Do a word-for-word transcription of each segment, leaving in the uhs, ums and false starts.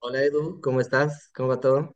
Hola Edu, ¿cómo estás? ¿Cómo va todo?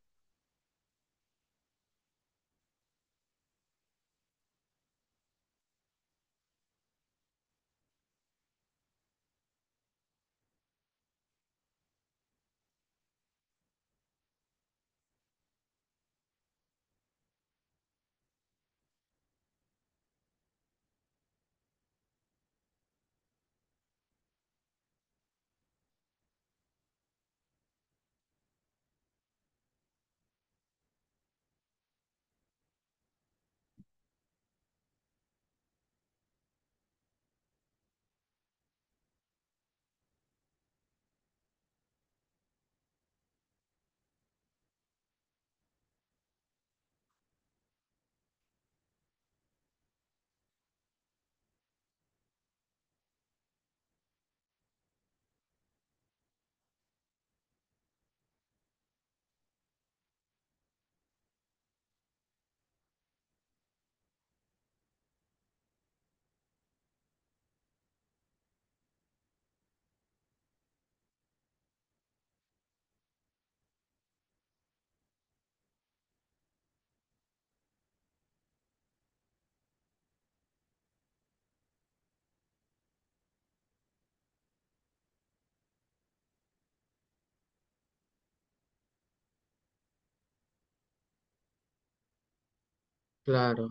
Claro,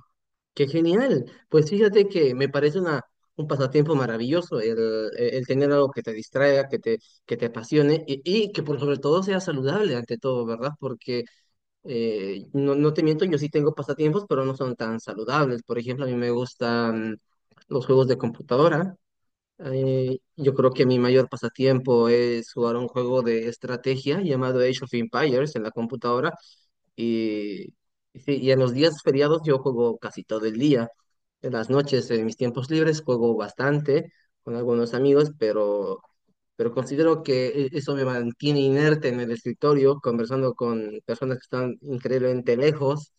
qué genial. Pues fíjate que me parece una, un pasatiempo maravilloso el, e-, el tener algo que te distraiga, que te, que te apasione y, y que por sobre todo sea saludable ante todo, ¿verdad? Porque eh, no, no te miento, yo sí tengo pasatiempos, pero no son tan saludables. Por ejemplo, a mí me gustan los juegos de computadora. Eh, yo creo que mi mayor pasatiempo es jugar un juego de estrategia llamado Age of Empires en la computadora. Y, y sí, y en los días feriados yo juego casi todo el día. En las noches, en mis tiempos libres, juego bastante con algunos amigos, pero, pero considero que e- eso me mantiene inerte en el escritorio, conversando con personas que están increíblemente lejos.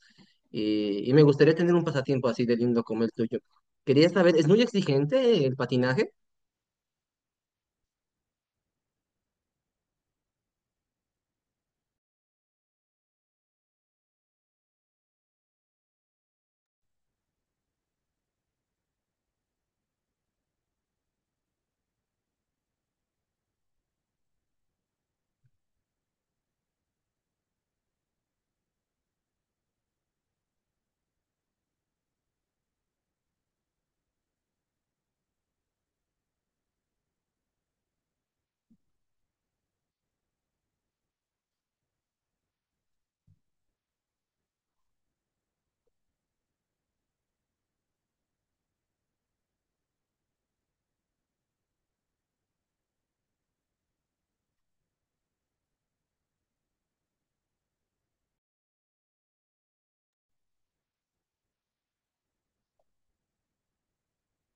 Y, y me gustaría tener un pasatiempo así de lindo como el tuyo. Quería saber, ¿es muy exigente el patinaje?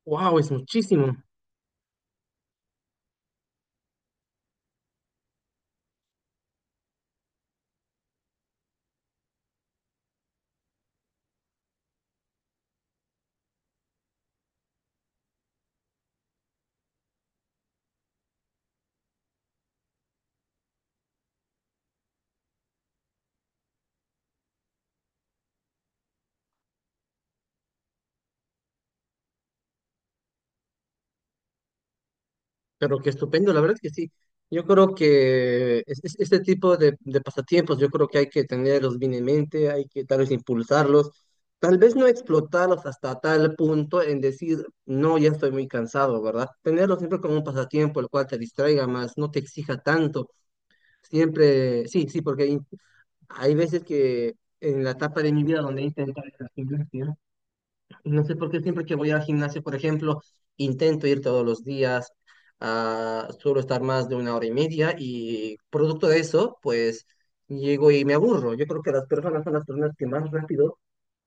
¡Wow! Es muchísimo. Pero qué estupendo, la verdad que sí. Yo creo que es- es- este tipo de, de pasatiempos, yo creo que hay que tenerlos bien en mente, hay que tal vez impulsarlos, tal vez no explotarlos hasta tal punto en decir, no, ya estoy muy cansado, ¿verdad? Tenerlos siempre como un pasatiempo, el cual te distraiga más, no te exija tanto. Siempre, sí, sí, porque hay hay veces que en la etapa de mi vida donde he intentado, no sé por qué siempre que voy al gimnasio, por ejemplo, intento ir todos los días, ah, suelo estar más de una hora y media y producto de eso, pues llego y me aburro. Yo creo que las personas son las personas que más rápido,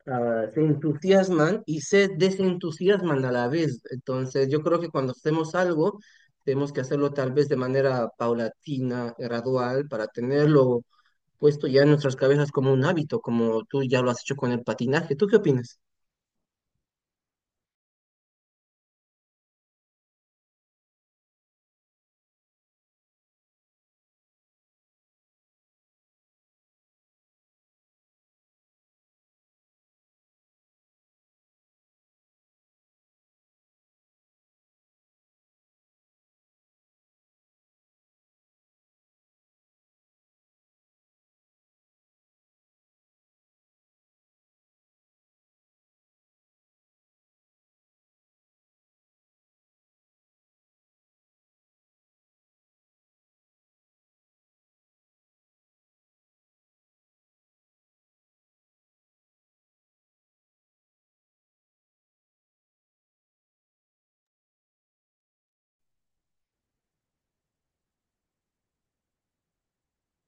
ah, se entusiasman y se desentusiasman a la vez. Entonces, yo creo que cuando hacemos algo, tenemos que hacerlo tal vez de manera paulatina, gradual, para tenerlo puesto ya en nuestras cabezas como un hábito, como tú ya lo has hecho con el patinaje. ¿Tú qué opinas?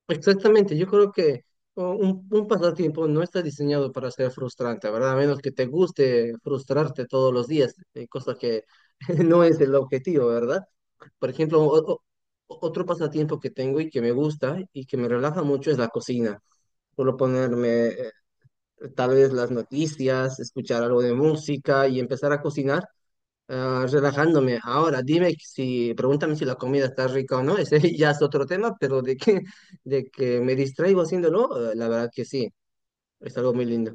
Exactamente, yo creo que o, un, un pasatiempo no está diseñado para ser frustrante, ¿verdad? A menos que te guste frustrarte todos los días, eh, cosa que no es el objetivo, ¿verdad? Por ejemplo, o- o- otro pasatiempo que tengo y que me gusta y que me relaja mucho es la cocina. Solo ponerme eh, tal vez las noticias, escuchar algo de música y empezar a cocinar. Ah, relajándome. Ahora, dime si, pregúntame si la comida está rica o no, ese ya es otro tema, pero de que, de que me distraigo haciéndolo, eh, la verdad que sí, es algo muy lindo.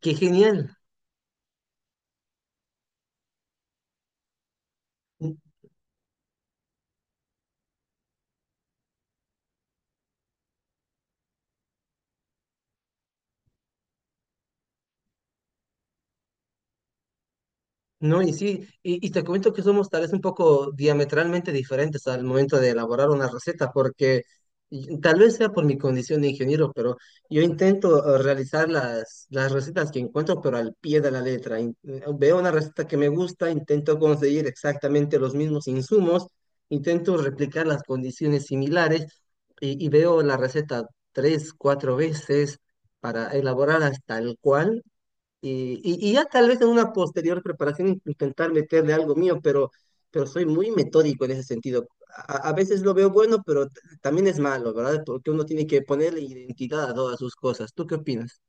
¡Qué genial! No, y sí, y, y te comento que somos tal vez un poco diametralmente diferentes al momento de elaborar una receta, porque y- tal vez sea por mi condición de ingeniero, pero yo intento eh, realizar las, las recetas que encuentro, pero al pie de la letra. In- eh, Veo una receta que me gusta, intento conseguir exactamente los mismos insumos, intento replicar las condiciones similares y, y veo la receta tres, cuatro veces para elaborarlas tal cual y, y- y ya tal vez en una posterior preparación intentar meterle algo mío, pero, pero soy muy metódico en ese sentido. A, a veces lo veo bueno, pero t- también es malo, ¿verdad? Porque uno tiene que ponerle identidad a todas sus cosas. ¿Tú qué opinas?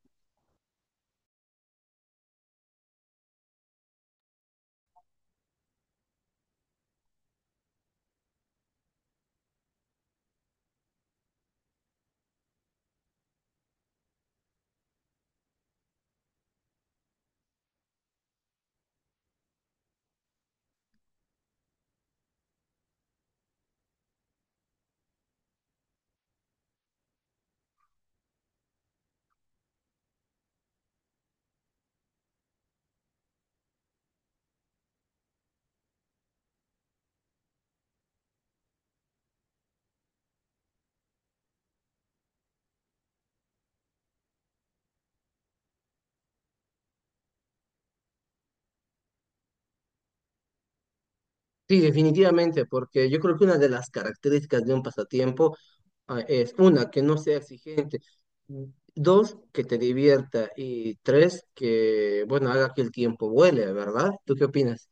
Sí, definitivamente, porque yo creo que una de las características de un pasatiempo ah, es una, que no sea exigente, dos, que te divierta y tres, que, bueno, haga que el tiempo vuele, ¿verdad? ¿Tú qué opinas?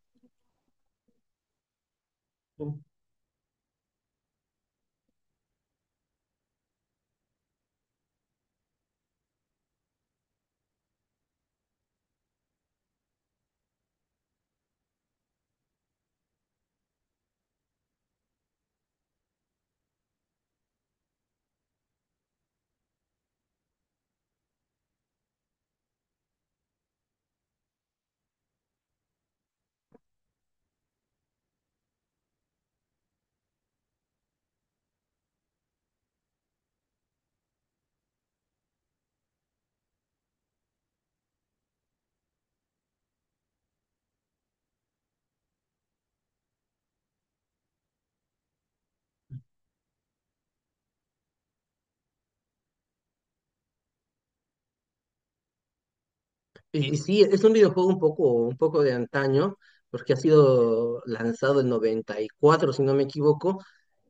Y, y sí, es un videojuego un poco, un poco de antaño, porque ha sido lanzado en noventa y cuatro si no me equivoco,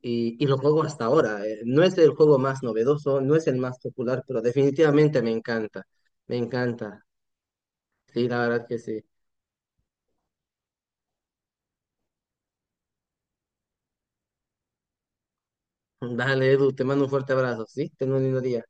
y, y lo juego hasta ahora. Eh, No es el juego más novedoso, no es el más popular, pero definitivamente me encanta, me encanta. Sí, la verdad que sí. Dale, Edu, te mando un fuerte abrazo, ¿sí? Ten un lindo día.